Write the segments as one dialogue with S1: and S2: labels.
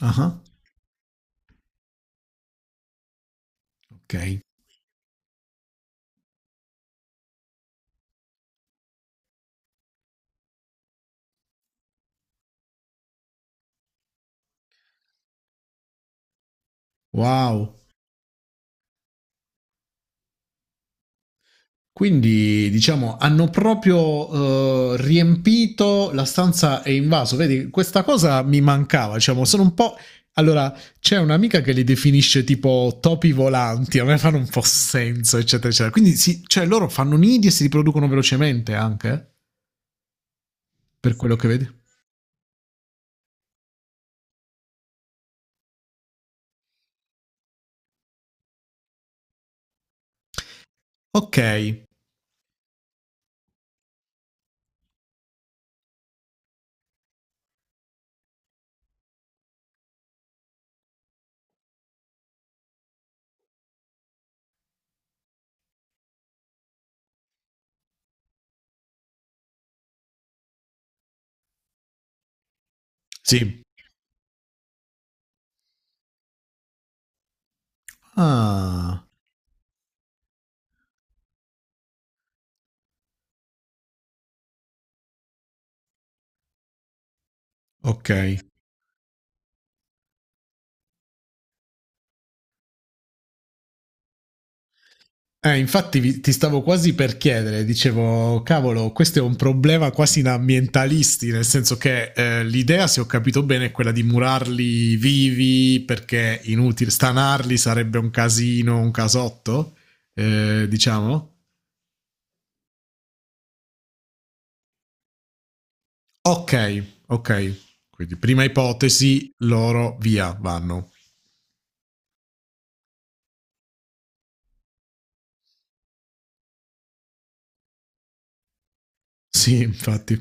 S1: Ah, ok. Wow. Quindi diciamo hanno proprio riempito la stanza e invaso. Vedi, questa cosa mi mancava. Diciamo, sono un po'. Allora, c'è un'amica che li definisce tipo topi volanti, a me fanno un po' senso, eccetera, eccetera. Quindi, si, cioè, loro fanno nidi e si riproducono velocemente anche, per quello che vedi. Ok, sì. Ah, ok. Infatti ti stavo quasi per chiedere, dicevo, cavolo, questo è un problema quasi da ambientalisti, nel senso che l'idea, se ho capito bene, è quella di murarli vivi perché inutile stanarli sarebbe un casino, un casotto, diciamo. Ok, ok. Quindi prima ipotesi, loro via, vanno. Sì, infatti.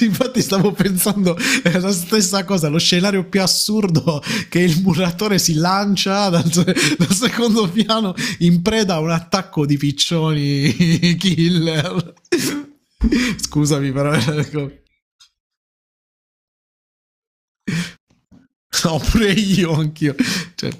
S1: Infatti stavo pensando è la stessa cosa, lo scenario più assurdo che il muratore si lancia dal secondo piano in preda a un attacco di piccioni killer. Scusami però, ecco. No, pure io, anch'io. Cioè,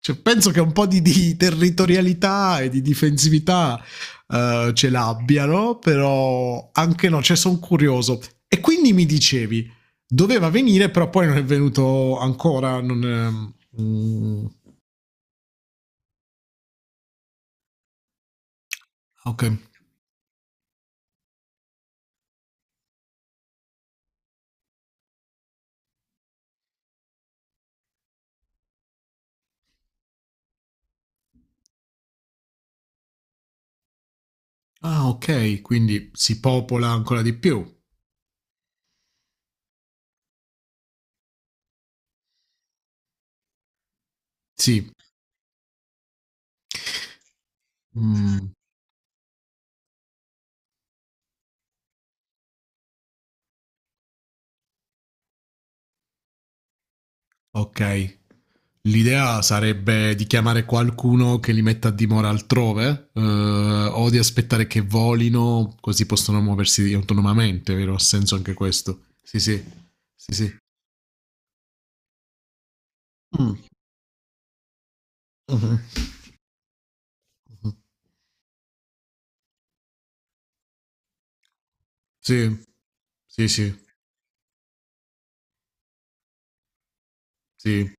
S1: cioè, penso che un po' di territorialità e di difensività ce l'abbiano, però anche no, cioè sono curioso. E quindi mi dicevi, doveva venire, però poi non è venuto ancora. Non è- mm, ok. Ah, ok, quindi si popola ancora di più. Sì. Mm. Ok. L'idea sarebbe di chiamare qualcuno che li metta a dimora altrove, o di aspettare che volino, così possono muoversi autonomamente, vero? Ha senso anche questo. Sì, sì. Sì, sì. Mm. Mhm. Mhm. Sì, sì, sì, sì.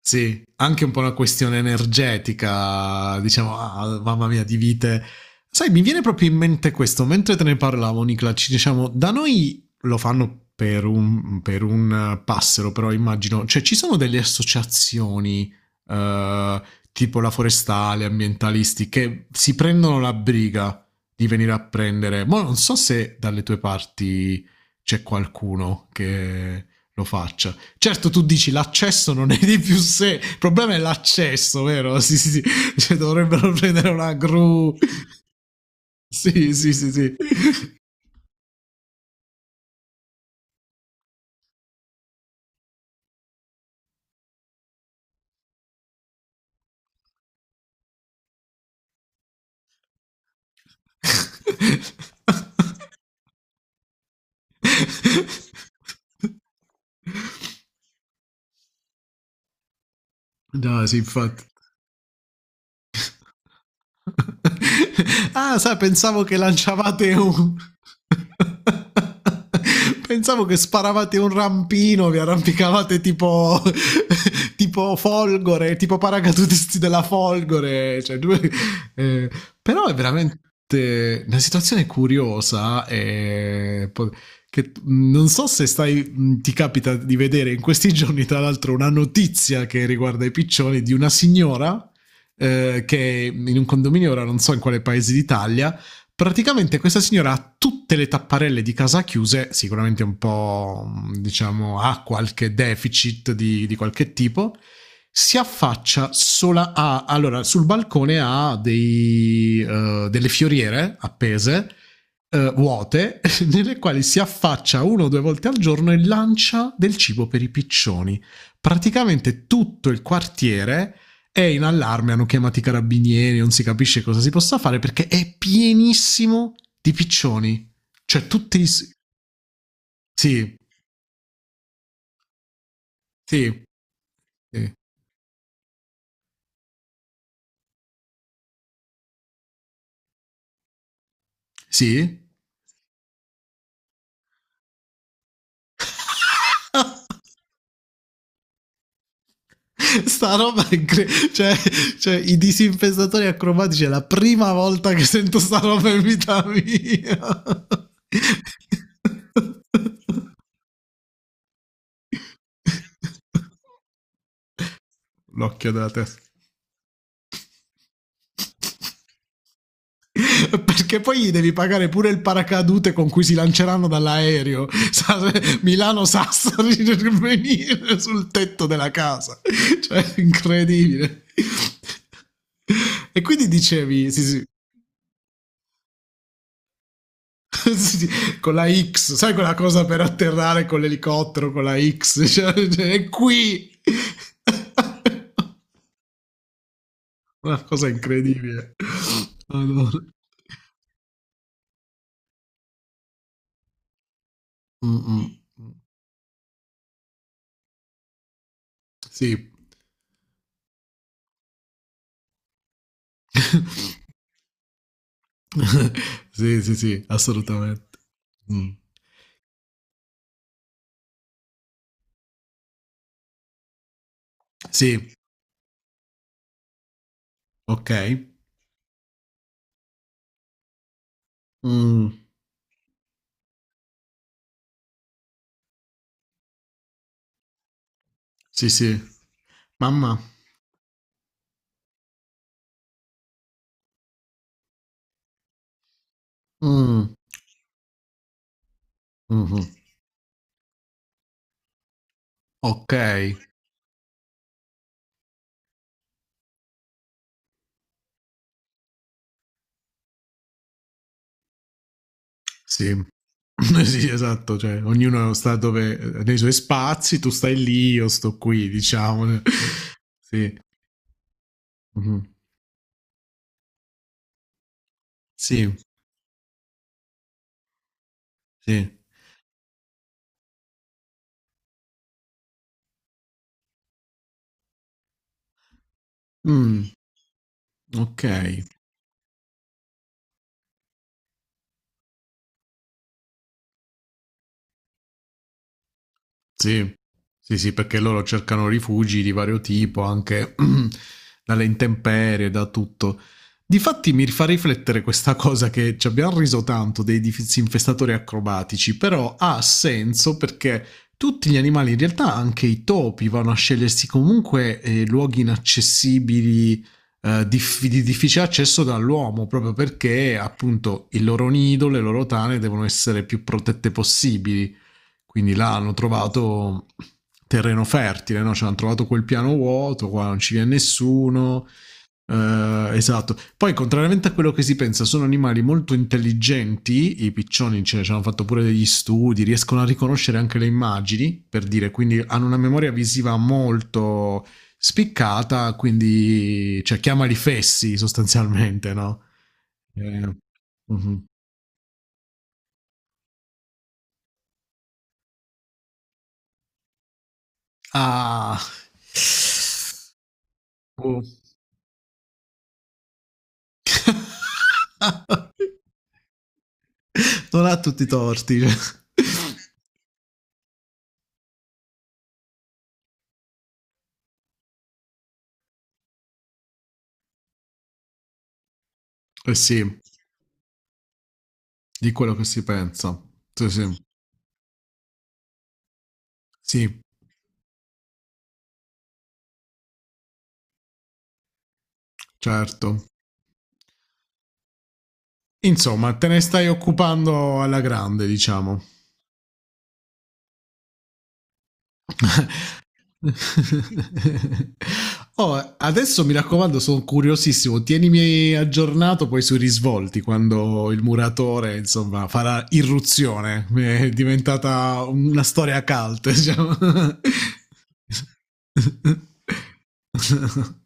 S1: Sì, anche un po' una questione energetica, diciamo, ah, ah, mamma mia, di vite. Sai, mi viene proprio in mente questo, mentre te ne parlavo, Nicola, ci diciamo, da noi lo fanno per un passero, però immagino, cioè ci sono delle associazioni, eh, tipo la forestale, ambientalisti, che si prendono la briga di venire a prendere. Ma non so se dalle tue parti c'è qualcuno che lo faccia. Certo, tu dici l'accesso non è di più sé, il problema è l'accesso, vero? Sì, sì, sì. Cioè, dovrebbero prendere una gru. Sì, sì, sì, sì. No, sì, infatti. Ah, sai, pensavo che lanciavate un... Pensavo che sparavate un rampino, vi arrampicavate tipo, tipo folgore, tipo paracadutisti della folgore. Cioè, eh, però è veramente una situazione curiosa e che non so se stai, ti capita di vedere in questi giorni, tra l'altro, una notizia che riguarda i piccioni di una signora che in un condominio, ora non so in quale paese d'Italia, praticamente questa signora ha tutte le tapparelle di casa chiuse, sicuramente un po', mm, diciamo, ha qualche deficit di qualche tipo, si affaccia sola a... Allora, sul balcone ha dei, delle fioriere appese, vuote, nelle quali si affaccia una o due volte al giorno e lancia del cibo per i piccioni. Praticamente tutto il quartiere è in allarme, hanno chiamato i carabinieri, non si capisce cosa si possa fare perché è pienissimo di piccioni. Cioè tutti... Sì, sì, sì, sì. Sta roba è incre- cioè, cioè, i disinfestatori acrobatici è la prima volta che sento sta roba in vita mia. L'occhio della testa. Perché poi gli devi pagare pure il paracadute con cui si lanceranno dall'aereo. Milano-Sassari per venire sul tetto della casa. Cioè, incredibile. E quindi dicevi, sì, sì, sì, sì, con la X, sai quella cosa per atterrare con l'elicottero, con la X, cioè, cioè, è qui. Una cosa incredibile. Allora. Mm-mm. Sì. Sì, sì, sì, assolutamente. Mh. Sì, okay. Mh. Sì, sì. Mamma. Mh. Mh-mh. Okay, sì. Sì, esatto, cioè ognuno sta dove nei suoi spazi, tu stai lì, io sto qui diciamo. Sì. Mh-mh. Sì, sì. Mh. Okay. Sì, sì, sì, perché loro cercano rifugi di vario tipo, anche dalle intemperie, da tutto. Difatti mi fa riflettere questa cosa che ci abbiamo riso tanto dei disinfestatori acrobatici, però ha senso perché tutti gli animali, in realtà anche i topi, vanno a scegliersi comunque luoghi inaccessibili, di difficile accesso dall'uomo, proprio perché appunto il loro nido, le loro tane devono essere più protette possibili. Quindi là hanno trovato terreno fertile, no? Cioè hanno trovato quel piano vuoto, qua non ci viene nessuno. Esatto. Poi, contrariamente a quello che si pensa, sono animali molto intelligenti. I piccioni cioè, ci hanno fatto pure degli studi, riescono a riconoscere anche le immagini, per dire, quindi hanno una memoria visiva molto spiccata, quindi cioè, chiamali fessi sostanzialmente, no? Eh, mhm. Ah, oh. Non ha tutti i torti. Eh sì, di quello che si pensa. Sì, sì. Sì, certo. Insomma, te ne stai occupando alla grande, diciamo. Oh, adesso mi raccomando, sono curiosissimo. Tienimi aggiornato poi sui risvolti quando il muratore insomma farà irruzione. È diventata una storia cult. Diciamo.